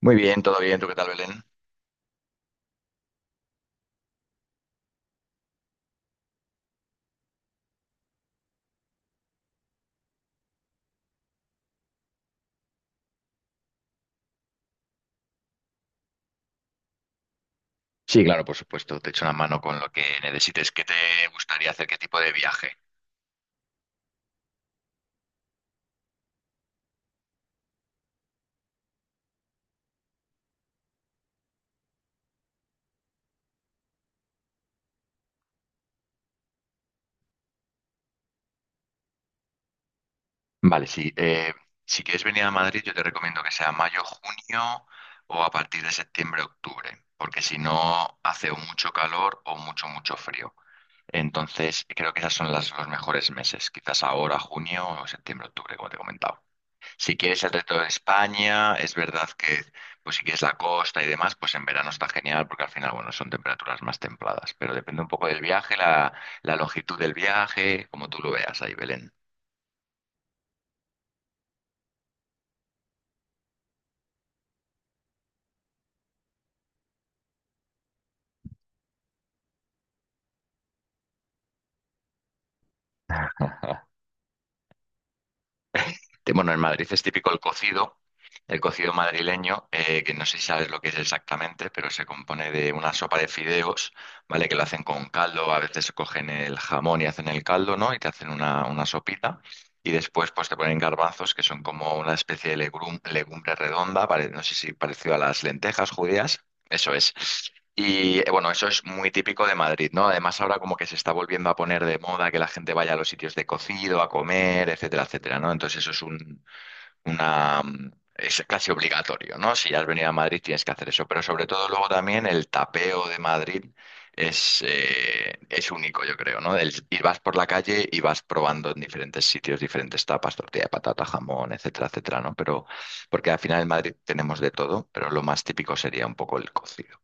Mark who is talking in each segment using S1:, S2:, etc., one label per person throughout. S1: Muy bien, todo bien. ¿Tú qué tal, Belén? Sí, claro, por supuesto, te echo una mano con lo que necesites. ¿Qué te gustaría hacer? ¿Qué tipo de viaje? Vale, sí. Si quieres venir a Madrid, yo te recomiendo que sea mayo, junio o a partir de septiembre, octubre, porque si no hace o mucho calor o mucho, mucho frío. Entonces, creo que esas son los mejores meses, quizás ahora, junio o septiembre, octubre, como te he comentado. Si quieres el resto de España, es verdad que, pues si quieres la costa y demás, pues en verano está genial porque al final, bueno, son temperaturas más templadas, pero depende un poco del viaje, la longitud del viaje, como tú lo veas ahí, Belén. Bueno, en Madrid es típico el cocido madrileño, que no sé si sabes lo que es exactamente, pero se compone de una sopa de fideos, ¿vale? Que lo hacen con caldo, a veces cogen el jamón y hacen el caldo, ¿no? Y te hacen una sopita. Y después, pues te ponen garbanzos, que son como una especie de legumbre redonda, no sé si parecido a las lentejas judías. Eso es. Y bueno, eso es muy típico de Madrid, ¿no? Además, ahora como que se está volviendo a poner de moda que la gente vaya a los sitios de cocido, a comer, etcétera, etcétera, ¿no? Entonces eso es es casi obligatorio, ¿no? Si has venido a Madrid tienes que hacer eso. Pero sobre todo luego también el tapeo de Madrid es único, yo creo, ¿no? Y vas por la calle y vas probando en diferentes sitios, diferentes tapas, tortilla de patata, jamón, etcétera, etcétera, ¿no? Pero porque al final en Madrid tenemos de todo, pero lo más típico sería un poco el cocido.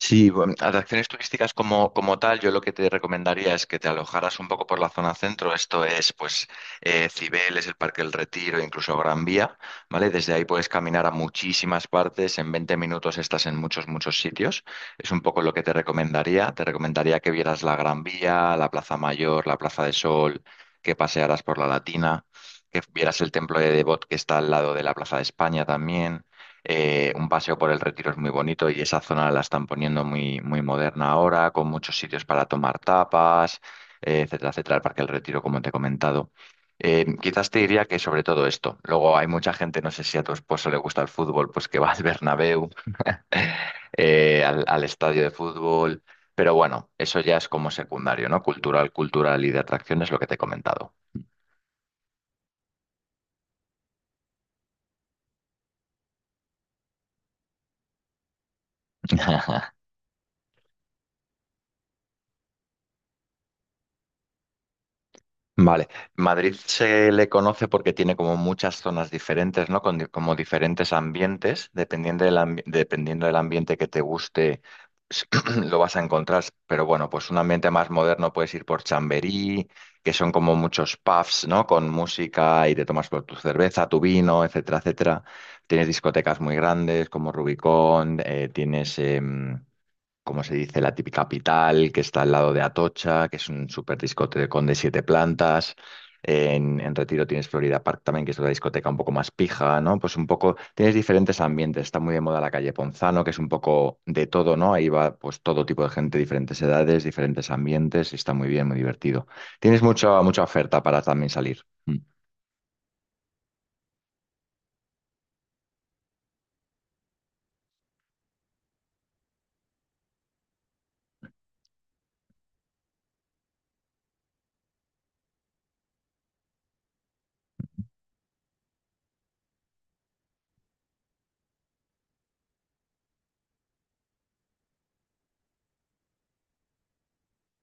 S1: Sí, bueno, atracciones turísticas como, como tal, yo lo que te recomendaría es que te alojaras un poco por la zona centro. Esto es, pues, Cibeles, el Parque del Retiro, incluso Gran Vía, ¿vale? Desde ahí puedes caminar a muchísimas partes. En 20 minutos estás en muchos, muchos sitios. Es un poco lo que te recomendaría. Te recomendaría que vieras la Gran Vía, la Plaza Mayor, la Plaza de Sol, que pasearas por la Latina, que vieras el Templo de Devot que está al lado de la Plaza de España también, un paseo por el Retiro es muy bonito y esa zona la están poniendo muy, muy moderna ahora, con muchos sitios para tomar tapas, etcétera, etcétera. El Parque del Retiro, como te he comentado. Quizás te diría que sobre todo esto. Luego hay mucha gente, no sé si a tu esposo le gusta el fútbol, pues que va al Bernabéu, al estadio de fútbol. Pero bueno, eso ya es como secundario, ¿no? Cultural, cultural y de atracciones, lo que te he comentado. Vale, Madrid se le conoce porque tiene como muchas zonas diferentes, ¿no? Con como diferentes ambientes, dependiendo del ambiente que te guste, s- lo vas a encontrar. Pero bueno, pues un ambiente más moderno puedes ir por Chamberí, que son como muchos pubs, ¿no? Con música y te tomas por tu cerveza, tu vino, etcétera, etcétera. Tienes discotecas muy grandes como Rubicón, tienes como se dice, la típica Pital, que está al lado de Atocha, que es un súper discotecón de siete plantas. En Retiro tienes Florida Park también, que es otra discoteca un poco más pija, ¿no? Pues un poco, tienes diferentes ambientes. Está muy de moda la calle Ponzano, que es un poco de todo, ¿no? Ahí va pues todo tipo de gente, diferentes edades, diferentes ambientes, y está muy bien, muy divertido. Tienes mucha, mucha oferta para también salir.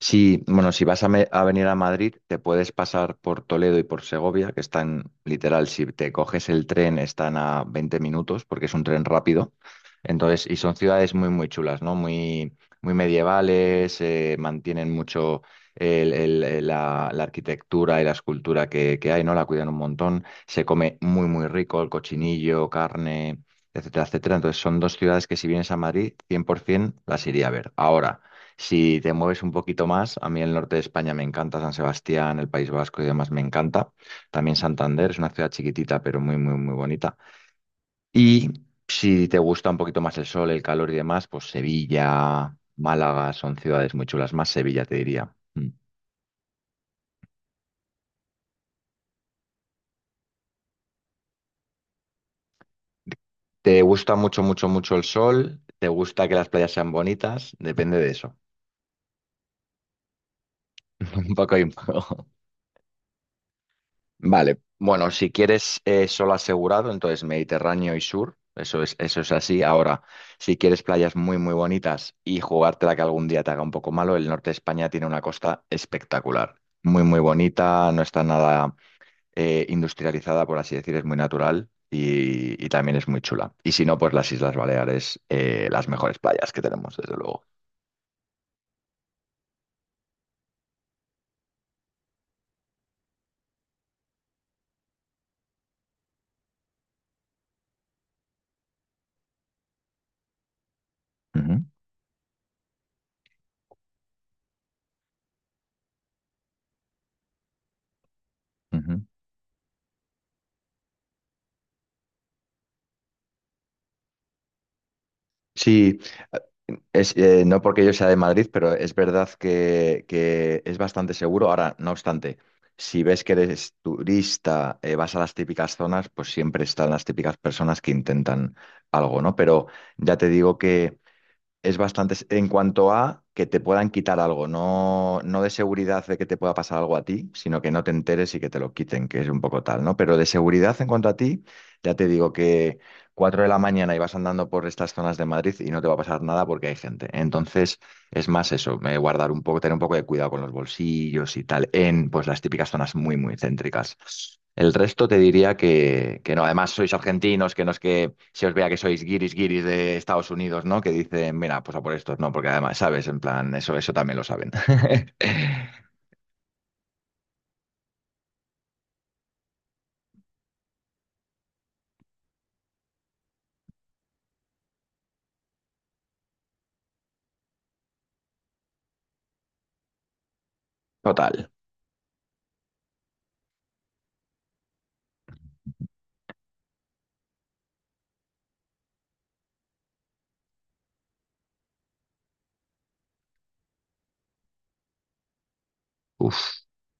S1: Sí, bueno, si vas a, a venir a Madrid, te puedes pasar por Toledo y por Segovia, que están literal, si te coges el tren, están a 20 minutos, porque es un tren rápido. Entonces, y son ciudades muy, muy chulas, ¿no? Muy, muy medievales, mantienen mucho la arquitectura y la escultura que hay, ¿no? La cuidan un montón. Se come muy, muy rico, el cochinillo, carne, etcétera, etcétera. Entonces, son dos ciudades que si vienes a Madrid, 100% las iría a ver. Ahora. Si te mueves un poquito más, a mí el norte de España me encanta, San Sebastián, el País Vasco y demás me encanta. También Santander es una ciudad chiquitita, pero muy, muy, muy bonita. Y si te gusta un poquito más el sol, el calor y demás, pues Sevilla, Málaga son ciudades muy chulas, más Sevilla te diría. Mm. ¿Te gusta mucho, mucho, mucho el sol? ¿Te gusta que las playas sean bonitas? Depende de eso. Un poco y un poco. Vale, bueno, si quieres solo asegurado, entonces Mediterráneo y sur, eso es así. Ahora, si quieres playas muy, muy bonitas y jugártela que algún día te haga un poco malo, el norte de España tiene una costa espectacular, muy, muy bonita, no está nada industrializada, por así decir, es muy natural y también es muy chula. Y si no, pues las Islas Baleares, las mejores playas que tenemos, desde luego. Ujú, ujú. Sí, no porque yo sea de Madrid, pero es verdad que es bastante seguro. Ahora, no obstante, si ves que eres turista, vas a las típicas zonas, pues siempre están las típicas personas que intentan algo, ¿no? Pero ya te digo que es bastante en cuanto a que te puedan quitar algo, no, no de seguridad de que te pueda pasar algo a ti, sino que no te enteres y que te lo quiten, que es un poco tal, ¿no? Pero de seguridad en cuanto a ti, ya te digo que 4 de la mañana y vas andando por estas zonas de Madrid y no te va a pasar nada porque hay gente. Entonces, es más eso, guardar un poco, tener un poco de cuidado con los bolsillos y tal, en pues las típicas zonas muy, muy céntricas. El resto te diría que no. Además, sois argentinos, que no es que se os vea que sois guiris guiris de Estados Unidos, ¿no? Que dicen, mira, pues a por estos, no, porque además, ¿sabes? En plan, eso también lo saben. Total. Uf.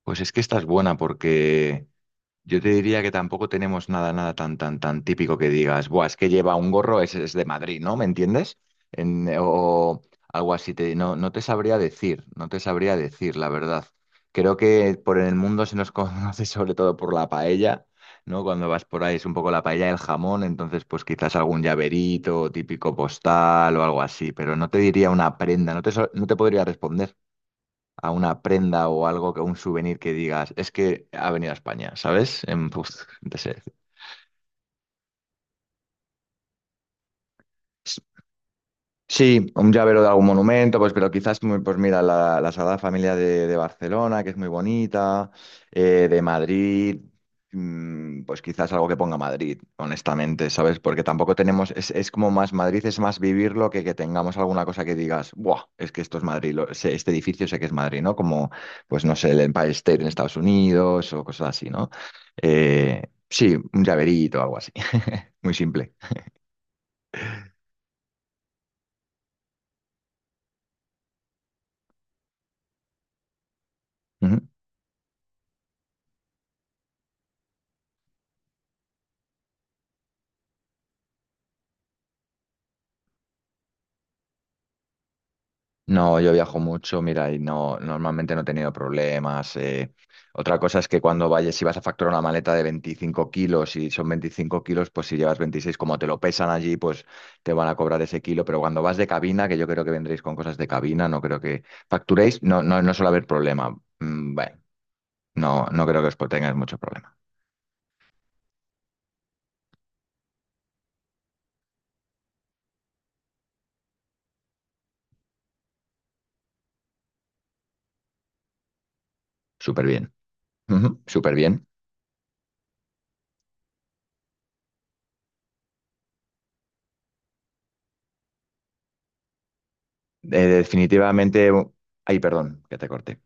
S1: Pues es que esta es buena porque yo te diría que tampoco tenemos nada, nada tan, tan, tan típico que digas, buah, es que lleva un gorro, es de Madrid, ¿no? ¿Me entiendes? O algo así, te, no, no te sabría decir, no te sabría decir, la verdad. Creo que por el mundo se nos conoce sobre todo por la paella, ¿no? Cuando vas por ahí es un poco la paella, el jamón, entonces pues quizás algún llaverito, típico postal o algo así, pero no te diría una prenda, no te, no te podría responder a una prenda o algo, que un souvenir que digas, es que ha venido a España, ¿sabes? Pues, no te sé. Sí, un llavero de algún monumento, pues, pero quizás, pues mira, la, la Sagrada Familia de Barcelona, que es muy bonita, de Madrid, pues quizás algo que ponga Madrid, honestamente, ¿sabes? Porque tampoco tenemos, es como más Madrid, es más vivirlo que tengamos alguna cosa que digas, ¡buah! Es que esto es Madrid, este edificio sé que es Madrid, ¿no? Como, pues no sé, el Empire State en Estados Unidos o cosas así, ¿no? Eh, sí, un llaverito, algo así, muy simple. No, yo viajo mucho, mira, y no, normalmente no he tenido problemas. Otra cosa es que cuando vayas, si vas a facturar una maleta de 25 kilos y son 25 kilos, pues si llevas 26, como te lo pesan allí, pues te van a cobrar ese kilo. Pero cuando vas de cabina, que yo creo que vendréis con cosas de cabina, no creo que facturéis, no, no, no suele haber problema. Bueno, no, no creo que os tengáis mucho problema. Súper bien. Ujú, súper bien. Definitivamente, ay, perdón, que te corté.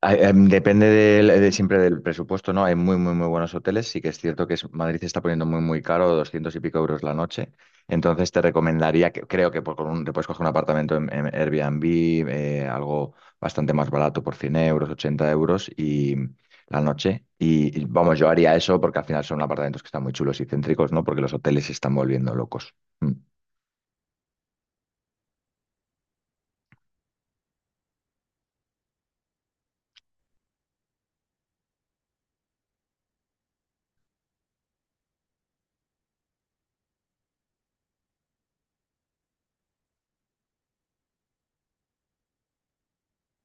S1: Depende de siempre del presupuesto, ¿no? Hay muy, muy, muy buenos hoteles. Sí que es cierto que Madrid se está poniendo muy, muy caro, 200 y pico euros la noche. Entonces te recomendaría, que, creo que por, te puedes coger un apartamento en Airbnb, algo bastante más barato por 100 euros, 80 euros y la noche. Y, vamos, yo haría eso porque al final son apartamentos que están muy chulos y céntricos, ¿no? Porque los hoteles se están volviendo locos. Mm.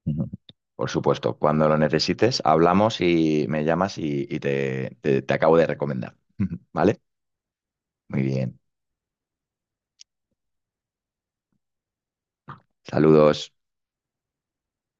S1: Ujú. Por supuesto, cuando lo necesites, hablamos y me llamas y te acabo de recomendar. ¿Vale? Muy bien. Saludos.